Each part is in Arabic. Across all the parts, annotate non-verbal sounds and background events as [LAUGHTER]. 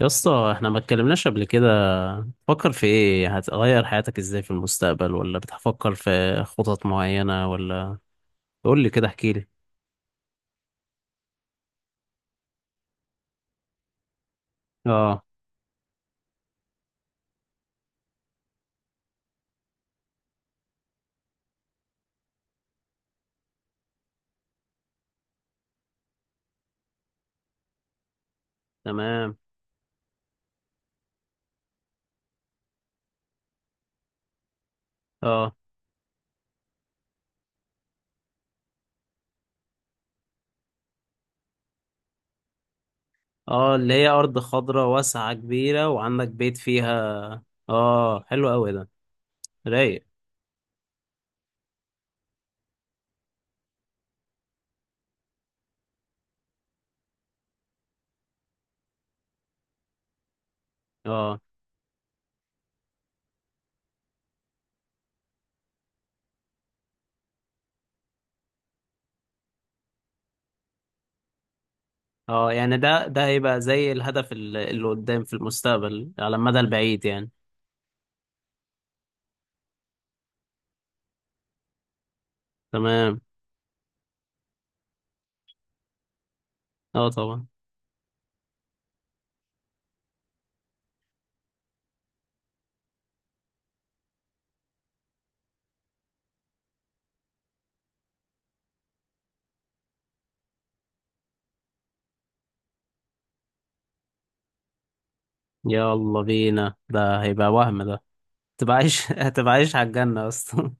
يا اسطى احنا ما اتكلمناش قبل كده. فكر في ايه هتغير حياتك ازاي في المستقبل، ولا بتفكر في خطط معينة، ولا؟ قول لي كده، احكي لي. اه، تمام. اه. اه، اللي هي ارض خضراء واسعة كبيرة، وعندك بيت فيها. اه، حلو قوي ده، رايق. اه اه، يعني ده هيبقى زي الهدف اللي قدام في المستقبل على المدى البعيد يعني. تمام، اه طبعا. يلا بينا، ده هيبقى وهم ده. تبقى عايش [LAUGHS] هتبقى عايش على الجنة اصلا.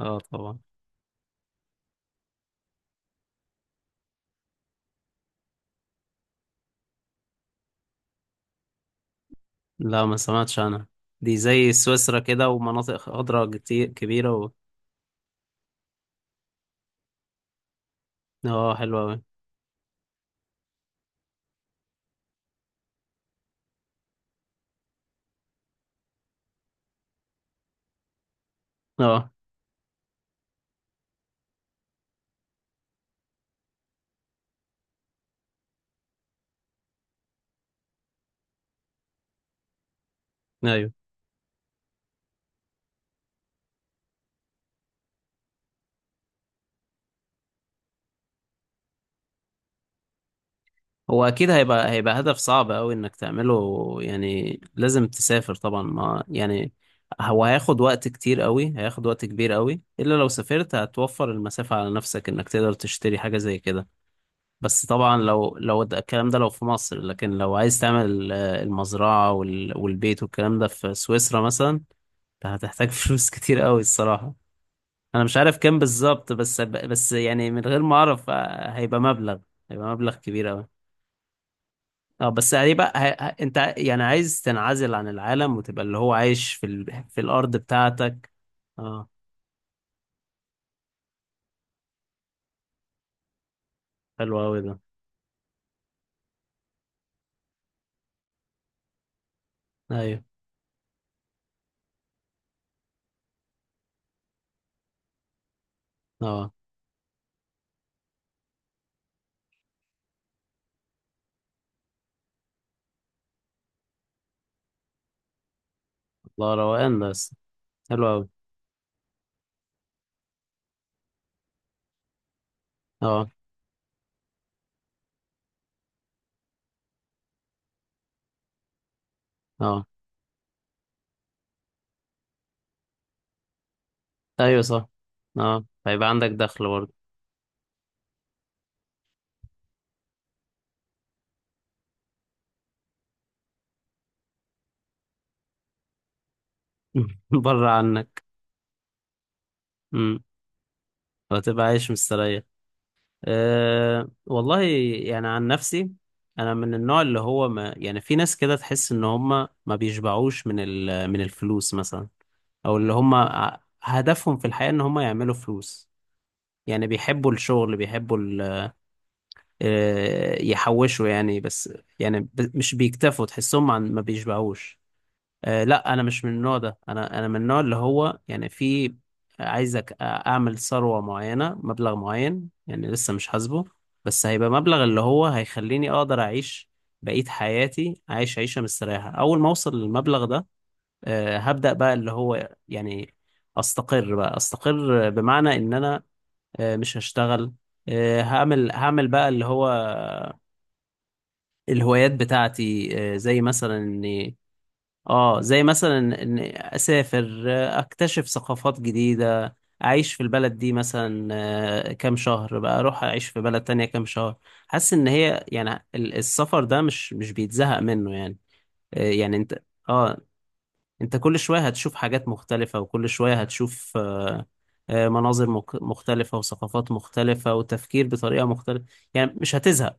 اه طبعا. لا، ما سمعتش عنها. دي زي سويسرا كده، ومناطق خضراء كتير كبيرة اه، حلوة أوي. اه، ايوه. هو أكيد هيبقى هدف صعب أوي إنك تعمله، يعني لازم تسافر طبعا، ما يعني. هو هياخد وقت كبير أوي، إلا لو سافرت هتوفر المسافة على نفسك إنك تقدر تشتري حاجة زي كده. بس طبعا، لو الكلام ده لو في مصر، لكن لو عايز تعمل المزرعة والبيت والكلام ده في سويسرا مثلا، ده هتحتاج فلوس كتير قوي الصراحة. انا مش عارف كام بالظبط، بس يعني من غير ما اعرف، هيبقى مبلغ كبير قوي. اه، بس انت يعني عايز تنعزل عن العالم، وتبقى اللي هو عايش في الارض بتاعتك. اه، حلو قوي ده. ايوه، اه، الله، روقان ده، بس. حلو قوي. اه، اه، ايوه صح. اه، هيبقى عندك دخل برضه. [LAUGHS] بره عنك. امم وهتبقى عايش مستريح. أه والله. يعني عن نفسي، انا من النوع اللي هو، ما يعني، في ناس كده تحس ان هم ما بيشبعوش من الفلوس مثلا، او اللي هم هدفهم في الحياة ان هم يعملوا فلوس. يعني بيحبوا الشغل، بيحبوا يحوشوا يعني بس، يعني مش بيكتفوا، تحسهم عن ما بيشبعوش. آه لا، انا مش من النوع ده. انا من النوع اللي هو، يعني في، عايزك اعمل ثروة معينة، مبلغ معين، يعني لسه مش حاسبه، بس هيبقى مبلغ اللي هو هيخليني اقدر اعيش بقية حياتي عايش عيشة مستريحة. اول ما اوصل للمبلغ ده، هبدأ بقى اللي هو يعني، استقر بقى، استقر بمعنى ان انا مش هشتغل، هعمل، بقى اللي هو الهوايات بتاعتي، زي مثلا اني، اه زي مثلا ان اسافر، اكتشف ثقافات جديدة، اعيش في البلد دي مثلا كام شهر، بقى اروح اعيش في بلد تانية كام شهر. حاسس ان هي يعني السفر ده مش بيتزهق منه يعني. يعني انت، اه، انت كل شوية هتشوف حاجات مختلفة، وكل شوية هتشوف مناظر مختلفة، وثقافات مختلفة، وتفكير بطريقة مختلفة، يعني مش هتزهق.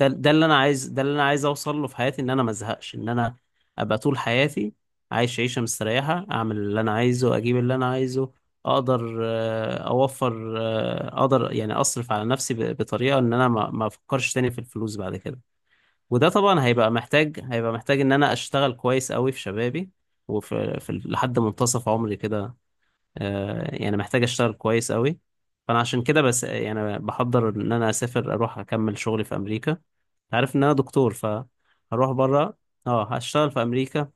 ده اللي انا عايز اوصل له في حياتي، ان انا ما ازهقش، ان انا ابقى طول حياتي عايش عيشه مستريحه، اعمل اللي انا عايزه، اجيب اللي انا عايزه، اقدر اوفر، اقدر يعني اصرف على نفسي بطريقه ان انا ما افكرش تاني في الفلوس بعد كده. وده طبعا هيبقى محتاج، ان انا اشتغل كويس قوي في شبابي، وفي لحد منتصف عمري كده. يعني محتاج اشتغل كويس قوي. فانا عشان كده بس، يعني بحضر ان انا اسافر، اروح اكمل شغلي في امريكا. أنت عارف ان انا دكتور، فهروح بره. اه، هشتغل في امريكا.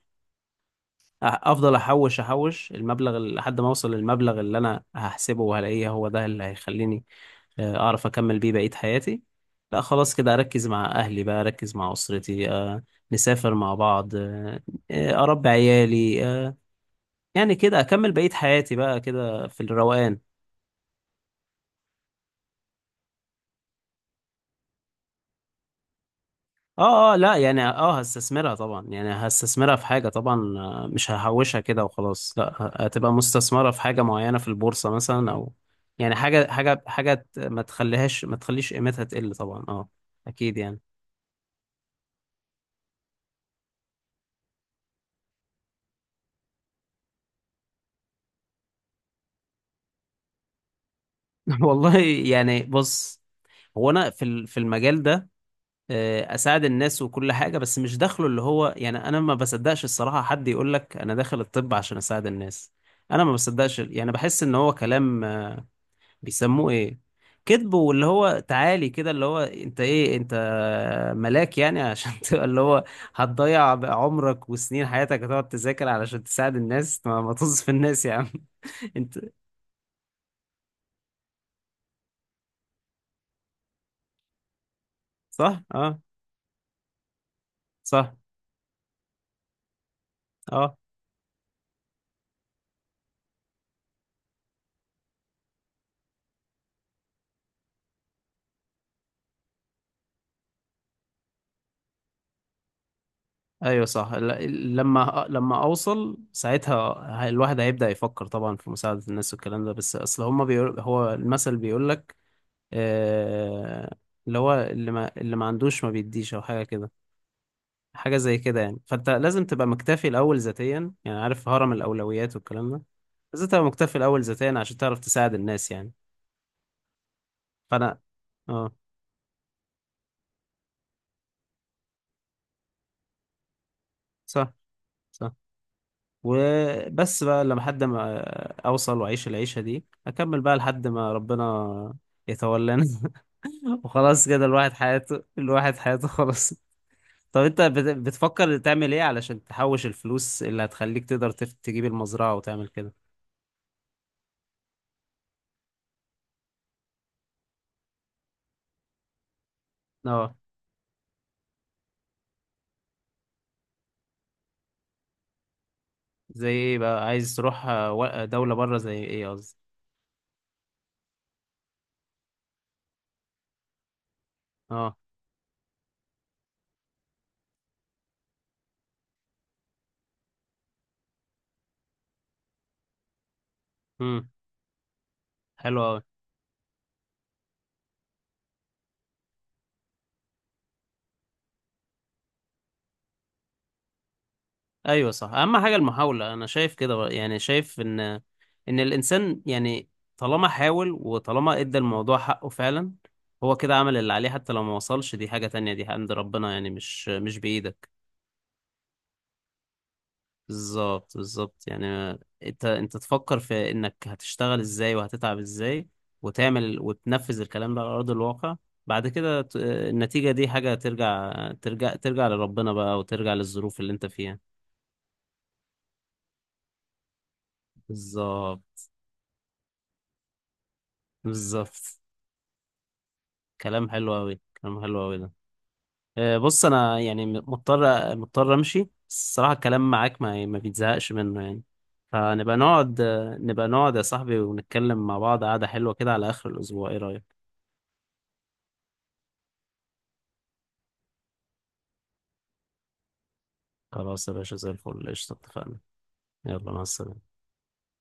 افضل احوش المبلغ لحد ما اوصل للمبلغ اللي انا هحسبه، وهلاقيه هو ده اللي هيخليني اعرف اكمل بيه بقية حياتي. لا، خلاص كده اركز مع اهلي بقى، اركز مع اسرتي، نسافر مع بعض، اربي عيالي، يعني كده اكمل بقية حياتي بقى كده في الروقان. اه، اه، لا يعني، هستثمرها طبعا، يعني هستثمرها في حاجة طبعا، مش ههوشها كده وخلاص، لا، هتبقى مستثمرة في حاجة معينة، في البورصة مثلا، او يعني حاجة، ما تخليش قيمتها تقل طبعا، اه، اكيد يعني. [LAUGHS] والله، يعني بص، هو انا في المجال ده، اساعد الناس وكل حاجة، بس مش داخله اللي هو، يعني انا ما بصدقش الصراحة حد يقول لك انا داخل الطب عشان اساعد الناس. انا ما بصدقش، يعني بحس ان هو كلام بيسموه ايه، كذب. واللي هو، تعالي كده، اللي هو انت ايه، انت ملاك يعني؟ [LAUGHS] عشان تبقى اللي هو، هتضيع عمرك وسنين حياتك، هتقعد تذاكر علشان تساعد الناس؟ ما طز في [LAUGHS] الناس يا عم. [LAUGHS] انت، صح، اه، صح، اه، ايوه صح. لما اوصل ساعتها، الواحد هيبدأ يفكر طبعا في مساعدة الناس والكلام ده، بس اصل هما بيقول، هو المثل بيقول لك، آه اللي هو، اللي ما عندوش ما بيديش، او حاجة كده، حاجة زي كده يعني. فأنت لازم تبقى مكتفي الأول ذاتيا، يعني عارف هرم الأولويات والكلام ده. لازم تبقى مكتفي الأول ذاتيا عشان تعرف تساعد الناس يعني. فأنا، اه، صح، صح. وبس بقى، لما حد ما أوصل، وأعيش العيشة دي، أكمل بقى لحد ما ربنا يتولانا. [LAUGHS] وخلاص كده، الواحد حياته خلاص. طب أنت بتفكر تعمل إيه علشان تحوش الفلوس اللي هتخليك تقدر تجيب المزرعة وتعمل كده؟ اه، زي ايه بقى؟ عايز تروح دولة بره، زي ايه قصدي؟ اه، امم حلو قوي. ايوه صح، اهم حاجة المحاولة، انا شايف كده بقى. يعني شايف ان، الانسان يعني، طالما حاول، وطالما ادى الموضوع حقه فعلا، هو كده عمل اللي عليه. حتى لو ما وصلش، دي حاجة تانية، دي عند ربنا، يعني مش بإيدك. بالظبط، بالظبط يعني. انت تفكر في انك هتشتغل ازاي، وهتتعب ازاي، وتعمل وتنفذ الكلام ده على ارض الواقع. بعد كده، النتيجة دي حاجة ترجع ترجع ترجع لربنا بقى، وترجع للظروف اللي انت فيها. بالظبط، بالظبط. كلام حلو قوي، كلام حلو قوي ده. بص، انا يعني مضطر امشي، بس الصراحة الكلام معاك ما بيتزهقش منه يعني. فنبقى نقعد آه، نبقى نقعد يا صاحبي، ونتكلم مع بعض قعدة حلوة كده على آخر الأسبوع، ايه رأيك؟ خلاص يا باشا، زي الفل، قشطة، اتفقنا. يلا، مع السلامة.